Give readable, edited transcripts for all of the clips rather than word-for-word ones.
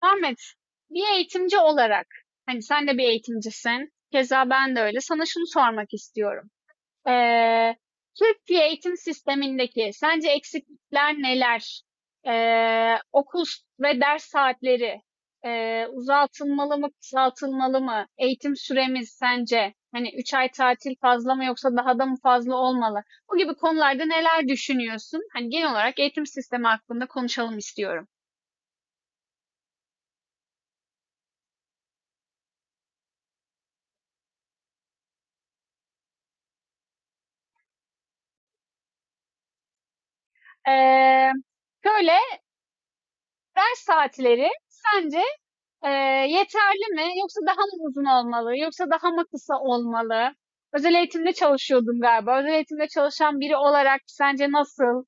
Ahmet, bir eğitimci olarak, hani sen de bir eğitimcisin, keza ben de öyle. Sana şunu sormak istiyorum. Ee, Türkiye eğitim sistemindeki sence eksiklikler neler? Okul ve ders saatleri uzatılmalı mı, kısaltılmalı mı? Eğitim süremiz sence hani 3 ay tatil fazla mı yoksa daha da mı fazla olmalı? Bu gibi konularda neler düşünüyorsun? Hani genel olarak eğitim sistemi hakkında konuşalım istiyorum. Ee, Şöyle, ders saatleri sence e, yeterli mi? Yoksa daha mı uzun olmalı? Yoksa daha mı kısa olmalı? Özel eğitimde çalışıyordum galiba. Özel eğitimde çalışan biri olarak sence nasıl?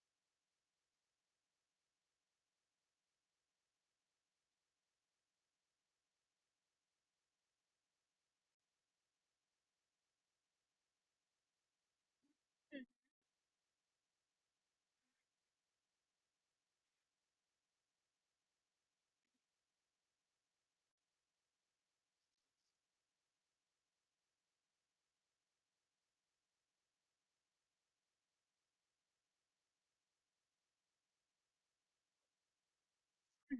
Hı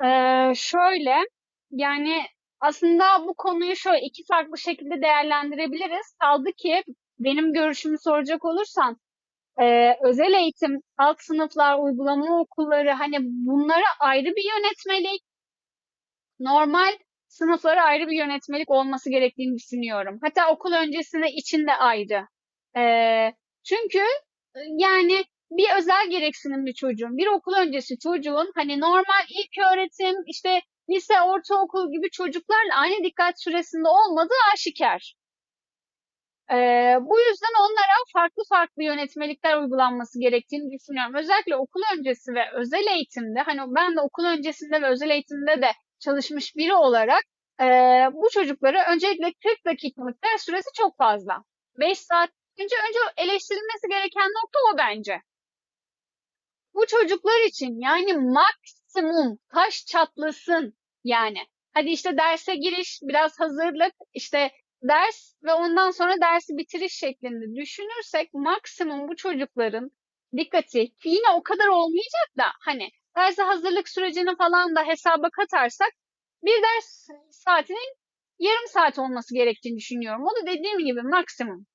hı. Şöyle, yani aslında bu konuyu şöyle iki farklı şekilde değerlendirebiliriz. Kaldı ki benim görüşümü soracak olursan özel eğitim, alt sınıflar, uygulama okulları hani bunlara ayrı bir yönetmeliği. Normal sınıflara ayrı bir yönetmelik olması gerektiğini düşünüyorum. Hatta okul öncesinde içinde ayrı. Ee, çünkü yani bir özel gereksinimli çocuğun, bir okul öncesi çocuğun hani normal ilk öğretim, işte lise, ortaokul gibi çocuklarla aynı dikkat süresinde olmadığı aşikar. Bu yüzden onlara farklı farklı yönetmelikler uygulanması gerektiğini düşünüyorum. Özellikle okul öncesi ve özel eğitimde, hani ben de okul öncesinde ve özel eğitimde de çalışmış biri olarak bu çocuklara öncelikle 40 dakikalık ders süresi çok fazla. 5 saat. Önce, önce eleştirilmesi gereken nokta o bence. Bu çocuklar için yani maksimum kaş çatlasın yani. Hadi işte derse giriş, biraz hazırlık, işte ders ve ondan sonra dersi bitiriş şeklinde düşünürsek maksimum bu çocukların dikkati yine o kadar olmayacak da hani derse hazırlık sürecini falan da hesaba katarsak bir ders saatinin yarım saat olması gerektiğini düşünüyorum. O da dediğim gibi maksimum.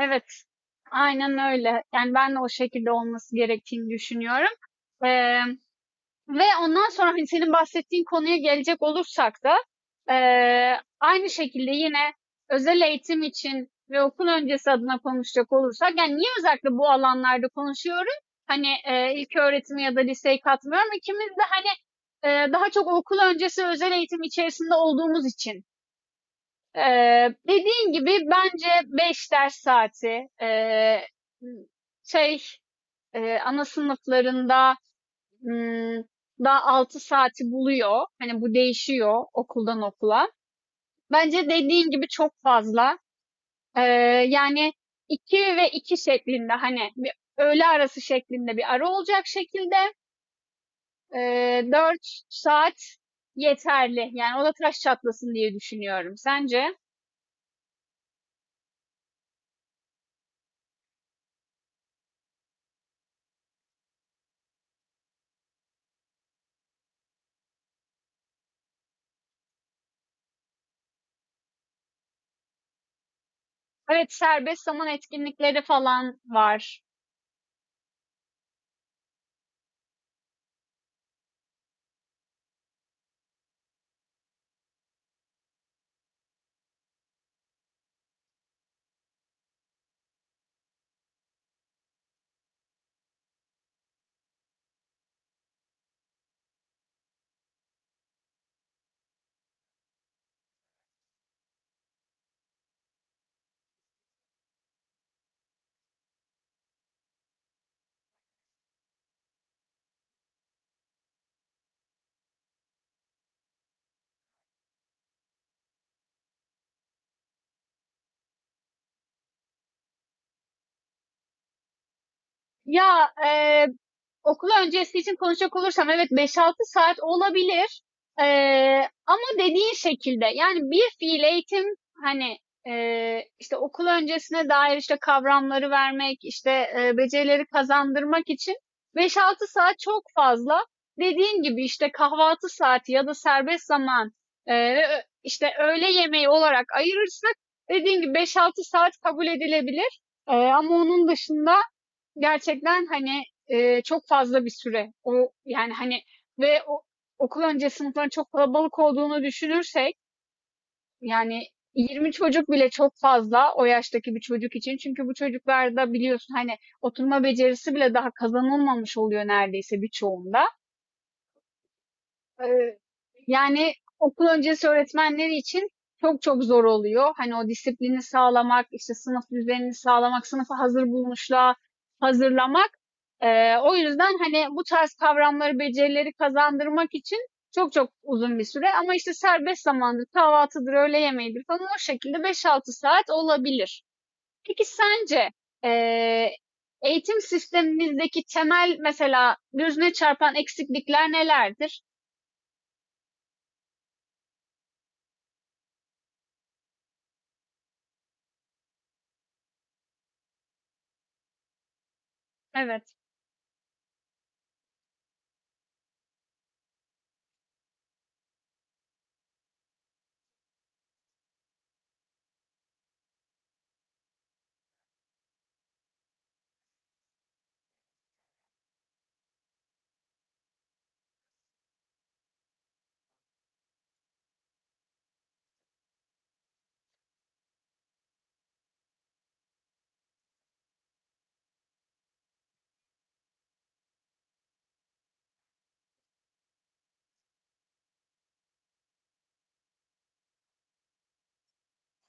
Evet. Aynen öyle. Yani ben de o şekilde olması gerektiğini düşünüyorum. Eee, Ve ondan sonra hani senin bahsettiğin konuya gelecek olursak da aynı şekilde yine özel eğitim için ve okul öncesi adına konuşacak olursak yani niye özellikle bu alanlarda konuşuyorum? Hani ilk öğretimi ya da liseyi katmıyorum. İkimiz de daha çok okul öncesi özel eğitim içerisinde olduğumuz için. Dediğin gibi bence 5 ders saati şey ana sınıflarında Imm, daha 6 saati buluyor. Hani, bu değişiyor okuldan okula. Bence dediğin gibi çok fazla. Eee, Yani 2 ve 2 şeklinde, hani, bir öğle arası şeklinde bir ara olacak şekilde, 4 saat yeterli. Yani o da taş çatlasın diye düşünüyorum. Sence? Evet, serbest zaman etkinlikleri falan var. Ya, eee, okul öncesi için konuşacak olursam evet 5-6 saat olabilir. Ama dediğin şekilde yani bir fiil eğitim hani, işte okul öncesine dair işte kavramları vermek, işte, becerileri kazandırmak için 5-6 saat çok fazla. Dediğin gibi işte kahvaltı saati ya da serbest zaman, ve işte öğle yemeği olarak ayırırsak dediğin gibi 5-6 saat kabul edilebilir. Ama onun dışında gerçekten hani, çok fazla bir süre. O yani, hani ve o okul öncesi sınıfların çok kalabalık olduğunu düşünürsek, yani 20 çocuk bile çok fazla o yaştaki bir çocuk için. Çünkü bu çocuklarda biliyorsun, hani, oturma becerisi bile daha kazanılmamış oluyor neredeyse birçoğunda. Eee, Yani okul öncesi öğretmenleri için çok çok zor oluyor. Hani o disiplini sağlamak, işte sınıf düzenini sağlamak, sınıfa hazır bulmuşluğa hazırlamak. O yüzden hani bu tarz kavramları, becerileri kazandırmak için çok çok uzun bir süre. Ama işte serbest zamandır, kahvaltıdır, öğle yemeğidir falan o şekilde 5-6 saat olabilir. Peki sence eee, eğitim sistemimizdeki temel mesela gözüne çarpan eksiklikler nelerdir? Evet.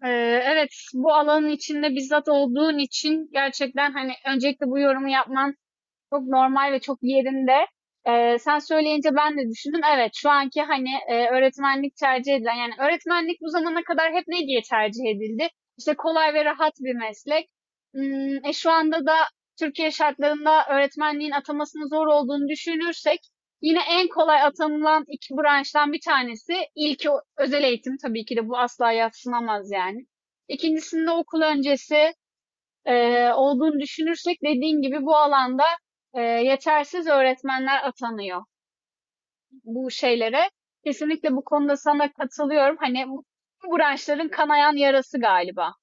Evet, bu alanın içinde bizzat olduğun için gerçekten, hani, öncelikle bu yorumu yapman çok normal ve çok yerinde. Sen söyleyince ben de düşündüm. Evet, şu anki hani öğretmenlik tercih edilen, yani öğretmenlik bu zamana kadar hep ne diye tercih edildi? İşte kolay ve rahat bir meslek. Şu anda da Türkiye şartlarında öğretmenliğin atamasının zor olduğunu düşünürsek, yine en kolay atanılan iki branştan bir tanesi ilki özel eğitim tabii ki de bu asla yadsınamaz yani. İkincisinde okul öncesi e, olduğunu düşünürsek dediğin gibi bu alanda yetersiz öğretmenler atanıyor bu şeylere. Kesinlikle bu konuda sana katılıyorum. Hani bu branşların kanayan yarası galiba.